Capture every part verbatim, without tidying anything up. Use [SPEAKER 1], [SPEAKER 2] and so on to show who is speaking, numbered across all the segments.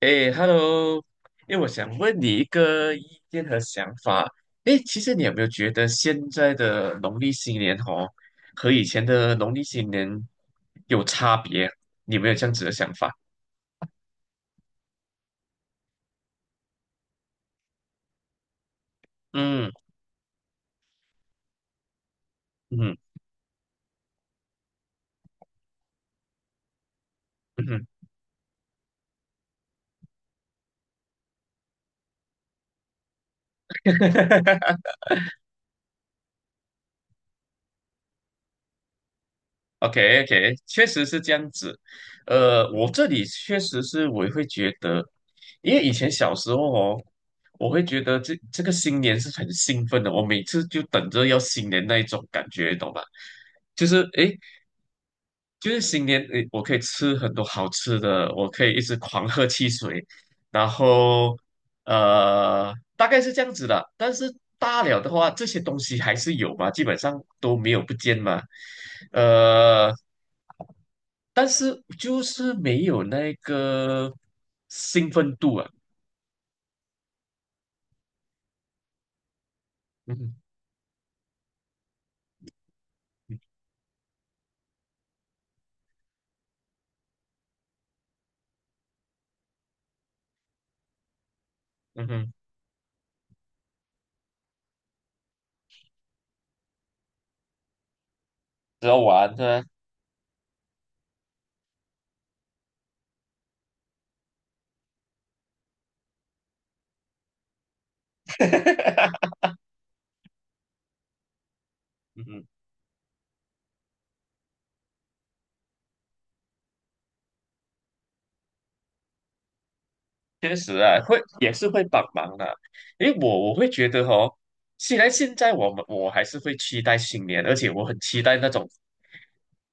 [SPEAKER 1] 哎，Hello，哎，我想问你一个意见和想法。哎，其实你有没有觉得现在的农历新年哦，和以前的农历新年有差别？你有没有这样子的想法？嗯嗯嗯哼，OK OK，确实是这样子。呃，我这里确实是我会觉得，因为以前小时候哦，我会觉得这这个新年是很兴奋的，我每次就等着要新年那一种感觉，懂吧？就是诶，就是新年诶，我可以吃很多好吃的，我可以一直狂喝汽水，然后呃，大概是这样子的。但是大了的话，这些东西还是有嘛，基本上都没有不见嘛。呃。但是就是没有那个兴奋度啊。嗯哼嗯哼，只要玩对吧？嗯哼确实啊，会也是会帮忙的。因为我我会觉得哦，虽然现在我们我还是会期待新年，而且我很期待那种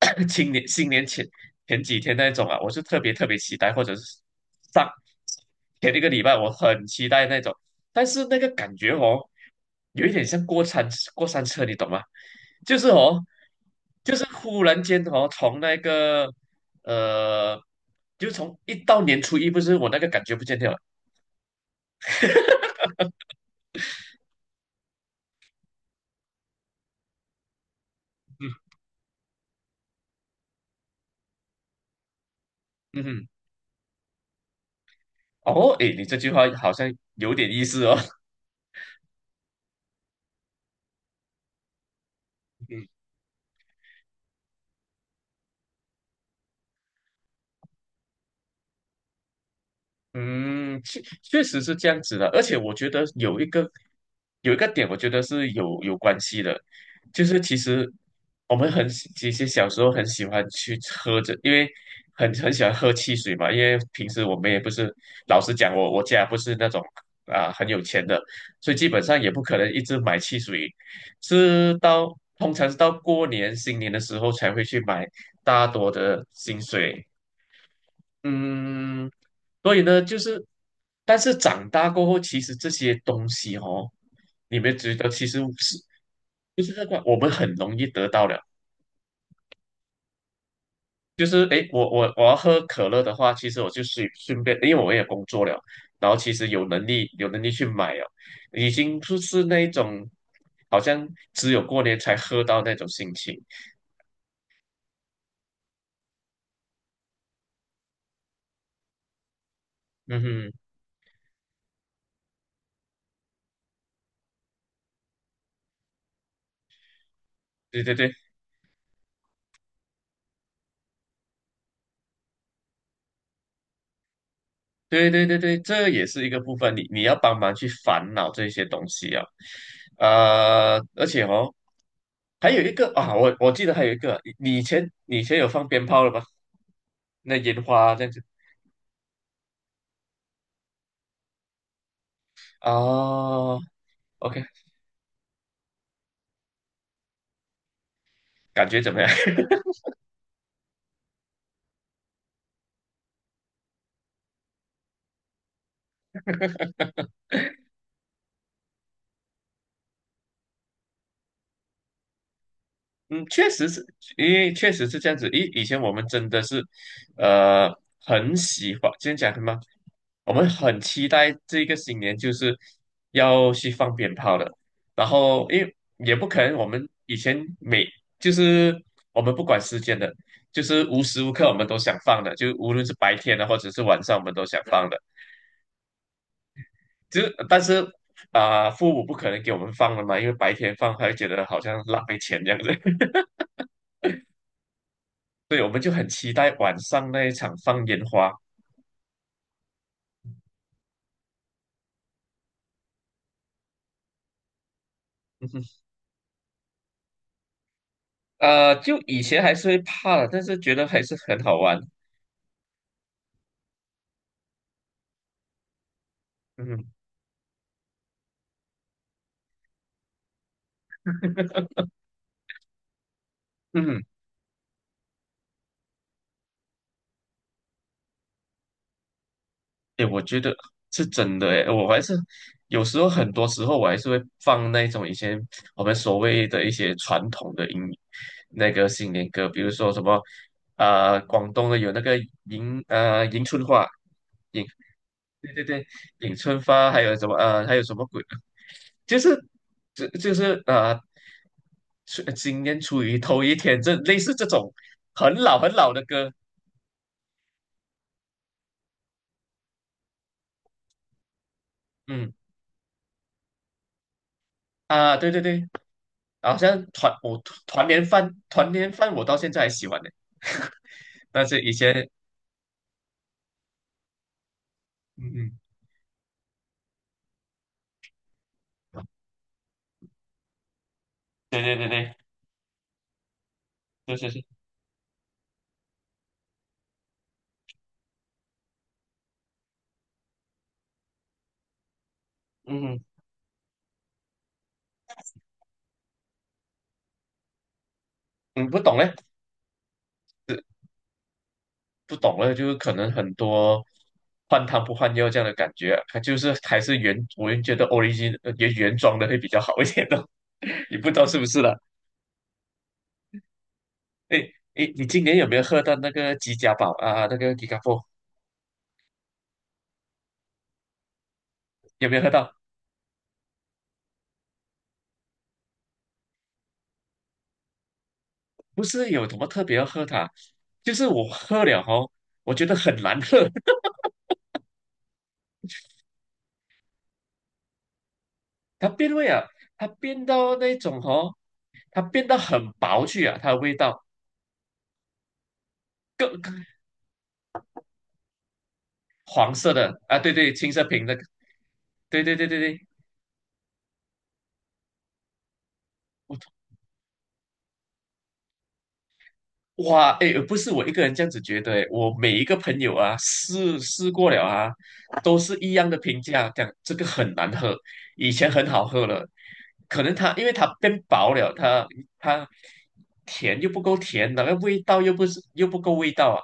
[SPEAKER 1] 新年新年前前几天那种啊，我是特别特别期待，或者是上前一个礼拜我很期待那种，但是那个感觉哦，有一点像过山过山车，你懂吗？就是哦，就是忽然间哦，从那个。呃，就从一到年初一，不是我那个感觉不见掉了。嗯嗯哼哦，诶，你这句话好像有点意思哦。嗯，确确实是这样子的，而且我觉得有一个有一个点，我觉得是有有关系的，就是其实我们很喜其实小时候很喜欢去喝着，因为很很喜欢喝汽水嘛，因为平时我们也不是，老实讲我，我家不是那种啊、很有钱的，所以基本上也不可能一直买汽水，是到通常是到过年新年的时候才会去买大多的薪水，嗯，所以呢，就是，但是长大过后，其实这些东西哦，你们觉得其实是就是那个我们很容易得到了，就是诶，我我我要喝可乐的话，其实我就随顺便，因为我也工作了，然后其实有能力有能力去买哦，已经不是那一种好像只有过年才喝到那种心情。嗯哼，对对对，对对对对，这也是一个部分，你你要帮忙去烦恼这些东西啊，呃，而且哦，还有一个啊，我我记得还有一个，你你以前你以前有放鞭炮了吗？那烟花这样子啊，OK，感觉怎么样？嗯，确实是，因为确实是这样子。以以前我们真的是，呃，很喜欢，今天讲什么？我们很期待这个新年就是要去放鞭炮的。然后，因为也不可能，我们以前每就是我们不管时间的，就是无时无刻我们都想放的，就无论是白天的或者是晚上，我们都想放的。就但是啊、父母不可能给我们放了嘛，因为白天放还会觉得好像浪费钱这样子。对，我们就很期待晚上那一场放烟花。嗯哼，呃，就以前还是会怕的，但是觉得还是很好玩。嗯哼嗯哼，诶，我觉得是真的哎，我还是有时候很多时候我还是会放那种以前我们所谓的一些传统的音那个新年歌，比如说什么呃广东的有那个迎呃迎春花，迎对对对迎春花，还有什么呃还有什么鬼就是就就是呃，出今年处于头一天，这类似这种很老很老的歌，嗯啊，对对对，好像团我团年饭团年饭我到现在还喜欢呢，但是以前嗯嗯，对对对对，就是是嗯嗯不懂嘞，呃不懂了，就是可能很多换汤不换药这样的感觉啊，它就是还是原我就觉得 origin 呃原原装的会比较好一点的，你不知道是不是啦。哎哎，诶你今年有没有喝到那个吉家宝啊？那个吉卡波有没有喝到？不是有什么特别要喝它，就是我喝了哦，我觉得很难喝，它变味啊，它变到那种哦，它变到很薄去啊，它的味道更更黄色的啊，对对，青色瓶的，个，对对对对对，哇，哎，不是我一个人这样子觉得，诶，我每一个朋友啊，试试过了啊，都是一样的评价，讲这个很难喝，以前很好喝了，可能它因为它变薄了，它它甜又不够甜，那个味道又不是又不够味道啊，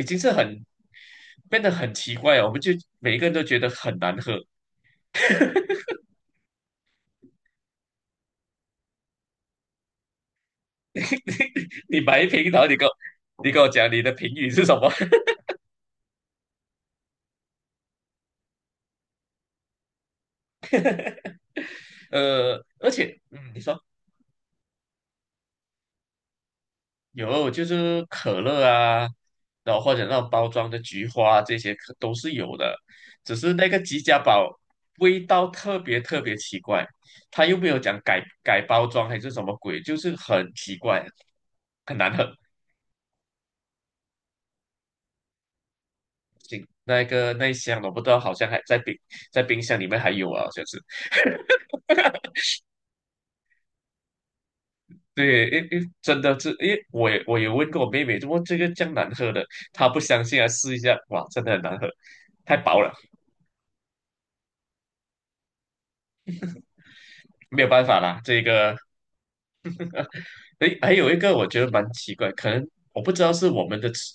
[SPEAKER 1] 已经是很变得很奇怪了我们就每一个人都觉得很难喝。你买一瓶，然后你跟，我你跟我讲你的评语是什么？呃，而且，嗯，你说。有，就是可乐啊，然后或者那种包装的菊花这些可都是有的，只是那个吉家宝味道特别特别奇怪，他又没有讲改改包装还是什么鬼，就是很奇怪，很难喝。那个那一箱我不知道，好像还在冰在冰箱里面还有啊，好像是。对，因因真的是，因为我也我也问过我妹妹，怎么这个这样难喝的，她不相信啊，试一下，哇，真的很难喝，太薄了，没有办法啦，这个诶，还有一个我觉得蛮奇怪，可能我不知道是我们的尺，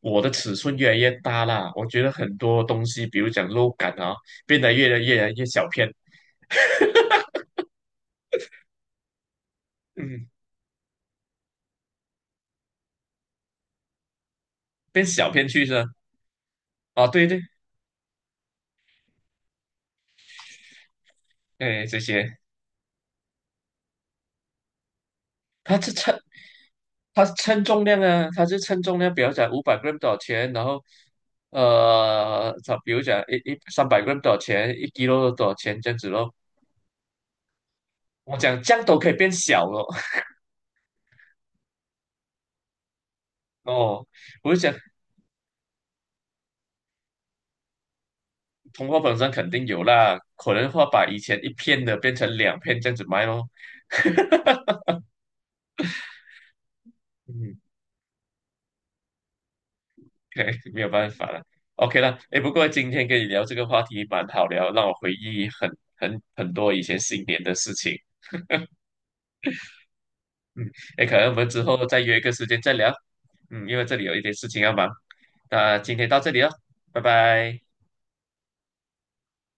[SPEAKER 1] 我的尺寸越来越大啦。我觉得很多东西，比如讲肉感啊，变得越来越来越小片，嗯，变小片去是吧？啊，对对，哎，这些，它是称它是称重量啊，它是称重量，比如讲五百 gram 多少钱，然后呃，它比如讲一一三百 gram 多少钱，一 kilo 多少钱这样子咯。我讲这样都可以变小了 哦，我就讲通货膨胀肯定有啦，可能会把以前一片的变成两片这样子卖咯。嗯，没有办法了。OK 了，哎，不过今天跟你聊这个话题蛮好聊，让我回忆很很很多以前新年的事情。嗯，哎，可能我们之后再约一个时间再聊。嗯，因为这里有一点事情要忙。那今天到这里了，拜拜。